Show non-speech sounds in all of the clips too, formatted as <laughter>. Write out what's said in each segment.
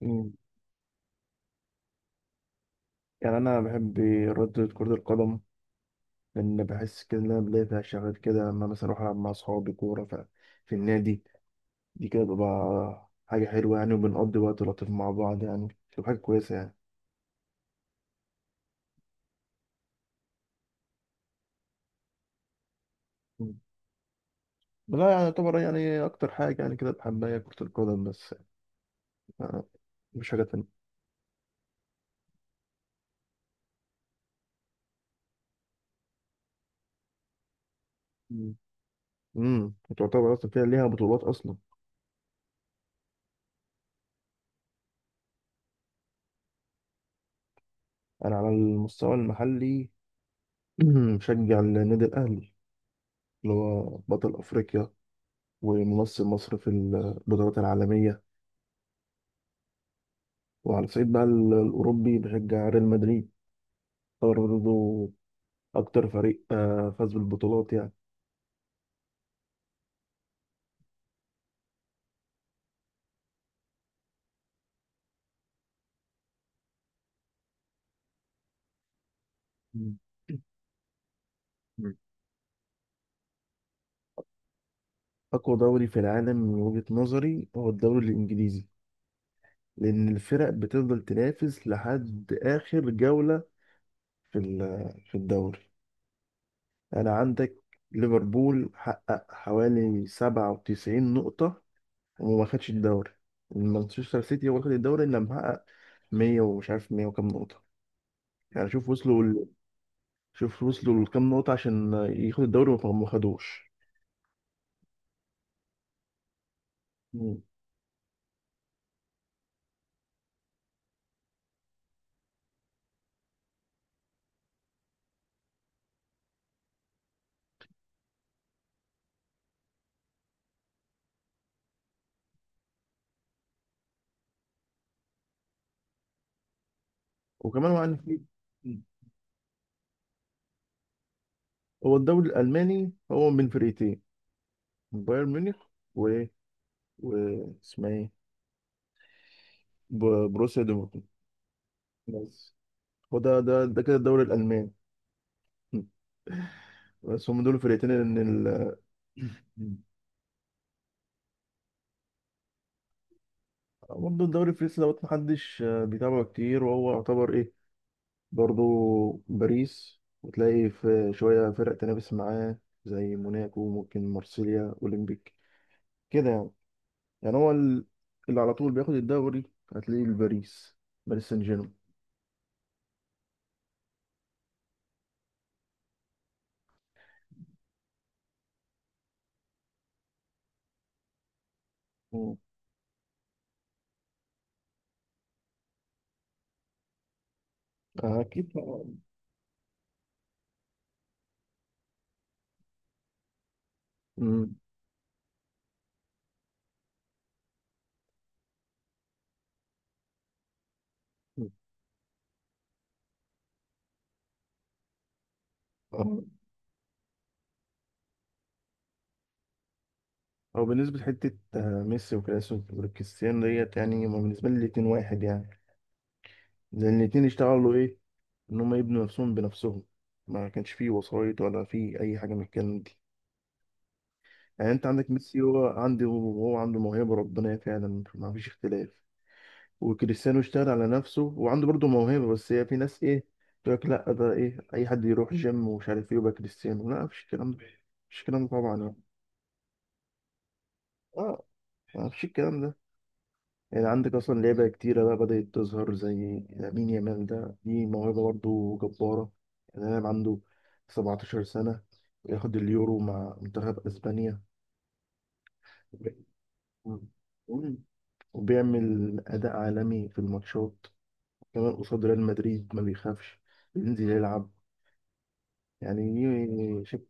مم. يعني انا بحب رياضة كرة القدم، لان بحس كده ان انا بلاقي فيها شغف كده، لما مثلا اروح العب مع اصحابي كورة في النادي. دي كده بتبقى حاجة حلوة يعني، وبنقضي وقت لطيف مع بعض يعني، بتبقى حاجة كويسة يعني. مم. لا، يعني يعتبر يعني اكتر حاجة يعني كده بحبها هي كرة القدم بس، آه، مش حاجة تانية. مم. وتعتبر اصلا فيها ليها بطولات اصلا. انا على المستوى المحلي <clears throat> بشجع النادي الاهلي، اللي هو بطل افريقيا وممثل مصر في البطولات العالمية. وعلى الصعيد بقى الأوروبي بشجع ريال مدريد، هو برضه أكتر فريق فاز بالبطولات يعني. مم. مم. أقوى دوري في العالم من وجهة نظري هو الدوري الإنجليزي، لأن الفرق بتفضل تنافس لحد آخر جولة في الدوري. أنا عندك ليفربول حقق حوالي 97 نقطة وما خدش الدوري، مانشستر سيتي هو اللي خد الدوري، اللي محقق 100، ومش عارف 100 وكام نقطة يعني شوف وصلوا لكام نقطة عشان ياخد الدوري، وما ما خدوش. مم. وكمان هو عارف إيه؟ مم. هو الدوري الألماني هو من فرقتين، بايرن ميونخ و و اسمها ايه، بروسيا دورتموند بس. هو ده كده الدوري الألماني. مم. بس هم دول الفرقتين ال... برضه الدوري الفرنسي دوت محدش بيتابعه كتير، وهو يعتبر ايه، برضو باريس وتلاقي في شوية فرق تنافس معاه، زي موناكو، ممكن مارسيليا أولمبيك كده يعني. يعني اللي على طول بياخد الدوري، هتلاقيه الباريس، باريس سان جيرمان. مم. آه، أكيد طبعاً. مم. آه. أو بالنسبة لحتة، ميسي وكريستيانو ديت يعني، هما بالنسبة لي الاتنين واحد يعني، لأن الاتنين اشتغلوا إيه، إن هما يبنوا نفسهم بنفسهم، ما كانش فيه وسايط ولا فيه أي حاجة من الكلام. يعني انت عندك ميسي هو عندي، وهو عنده موهبه ربنا فعلا، ما فيش اختلاف. وكريستيانو اشتغل على نفسه وعنده برضه موهبه، بس هي في ناس ايه تقول لك، لا ده ايه، اي حد يروح جيم ومش عارف ايه يبقى كريستيانو، لا مفيش الكلام ده، مفيش الكلام ده طبعا يعني. اه، مفيش الكلام ده. يعني عندك اصلا لعيبه كتيره بقى بدات تظهر، زي لامين يامال ده، دي موهبه برضه جباره يعني. لاعب عنده 17 سنه ياخد اليورو مع منتخب اسبانيا، وبيعمل أداء عالمي في الماتشات، كمان قصاد ريال مدريد ما بيخافش، بينزل يلعب يعني شك...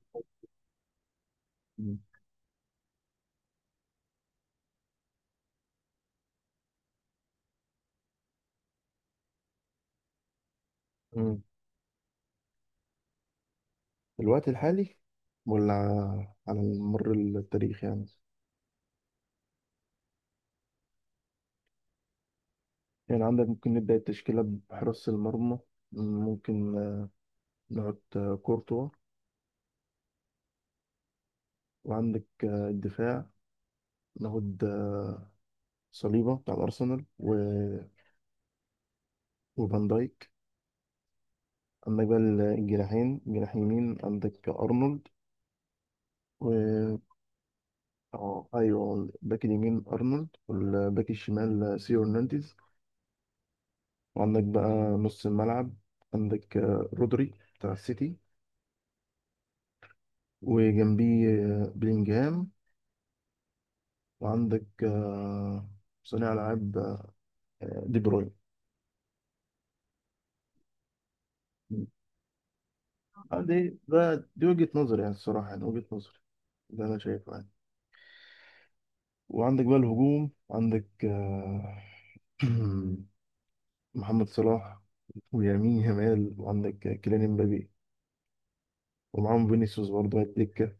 مم. في الوقت الحالي ولا على مر التاريخ يعني. يعني عندك ممكن نبدأ التشكيلة بحراسة المرمى، ممكن ناخد كورتوا. وعندك الدفاع، ناخد صليبة بتاع الأرسنال. وفان دايك. عندك بقى الجناحين، جناح يمين عندك أرنولد و... اه، ايوه، الباك اليمين ارنولد، والباك الشمال سيو هرنانديز. وعندك بقى نص الملعب، عندك رودري بتاع السيتي، وجنبيه بلينجهام. وعندك صانع العاب، دي بروين. آه، دي ده دي وجهة نظري يعني، الصراحة يعني وجهة نظري، ده أنا شايفه يعني. وعندك بقى الهجوم، عندك <clears throat> محمد صلاح، ويمين يامال، وعندك كيليان امبابي، ومعاهم فينيسيوس برضه على الدكة.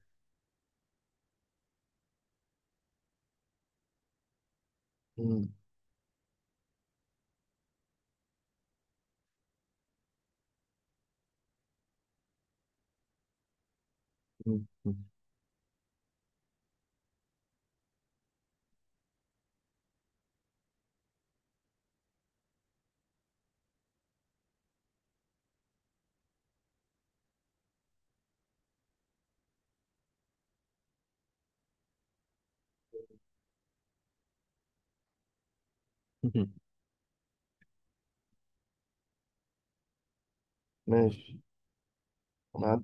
مم. <laughs> ماشي. انا عارف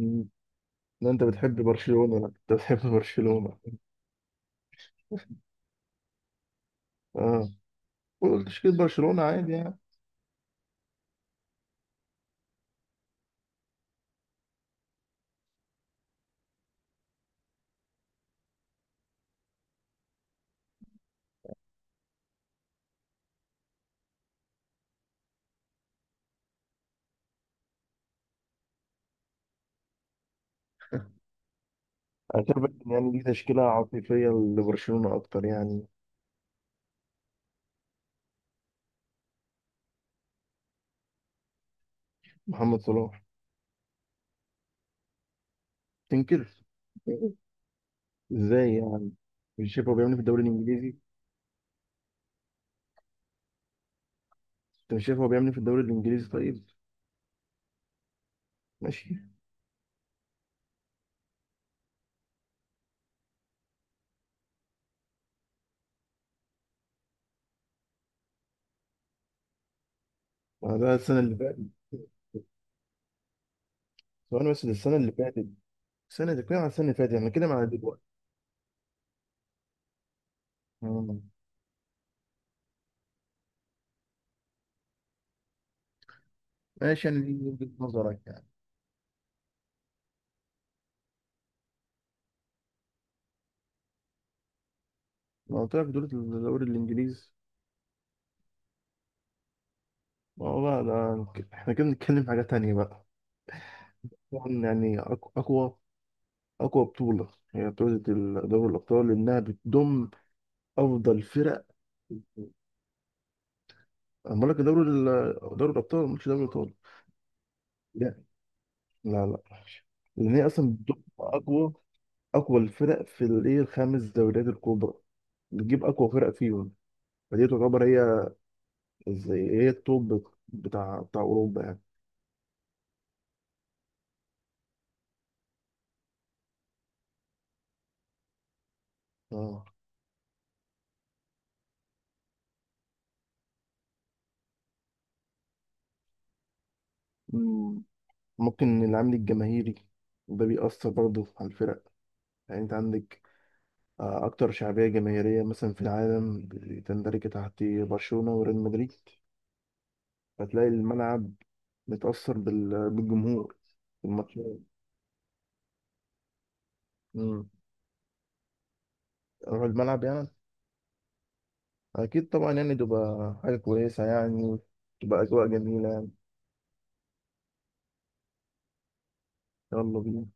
إن انت بتحب برشلونة، انا كنت بتحب <laughs> برشلونة. اه، قول تشكيل برشلونة عادي يعني. انا شايف إن يعني دي تشكيلة عاطفية لبرشلونة اكتر يعني. محمد صلاح تنكر. ازاي يعني؟ مش شايف هو بيعمل إيه في الدوري الانجليزي؟ انت مش شايف هو بيعمل إيه في الدوري الانجليزي؟ طيب، ماشي. ما ده السنة اللي فاتت. ثواني بس، ده السنة اللي فاتت. السنة دي كده على السنة اللي فاتت يعني كده مع دلوقتي. آه. ماشي، يعني دي وجهة نظرك يعني. ما قلت لك دول الدوري الانجليزي. ما هو بقى ده، احنا كده بنتكلم في حاجة تانية بقى. طبعا يعني أقوى أقوى بطولة، هي بطولة دوري الأبطال، لأنها بتضم أفضل فرق. أنا بقول لك دوري الأبطال، مش دوري الأبطال. لا، لا، لا، لأن هي أصلا بتضم أقوى أقوى الفرق في الإيه الخمس دوريات الكبرى، بتجيب أقوى فرق فيهم. فدي تعتبر هي، زي هي التوب بتاع أوروبا يعني. آه. مم. ممكن العامل الجماهيري ده بيأثر برضه على الفرق. يعني أنت عندك أكتر شعبية جماهيرية مثلا في العالم بتندرج تحت برشلونة وريال مدريد، فتلاقي الملعب متأثر بالجمهور في الماتشات. مم. أروح الملعب يعني؟ أكيد طبعا يعني، تبقى حاجة كويسة يعني، تبقى أجواء جميلة يعني. يلا بينا.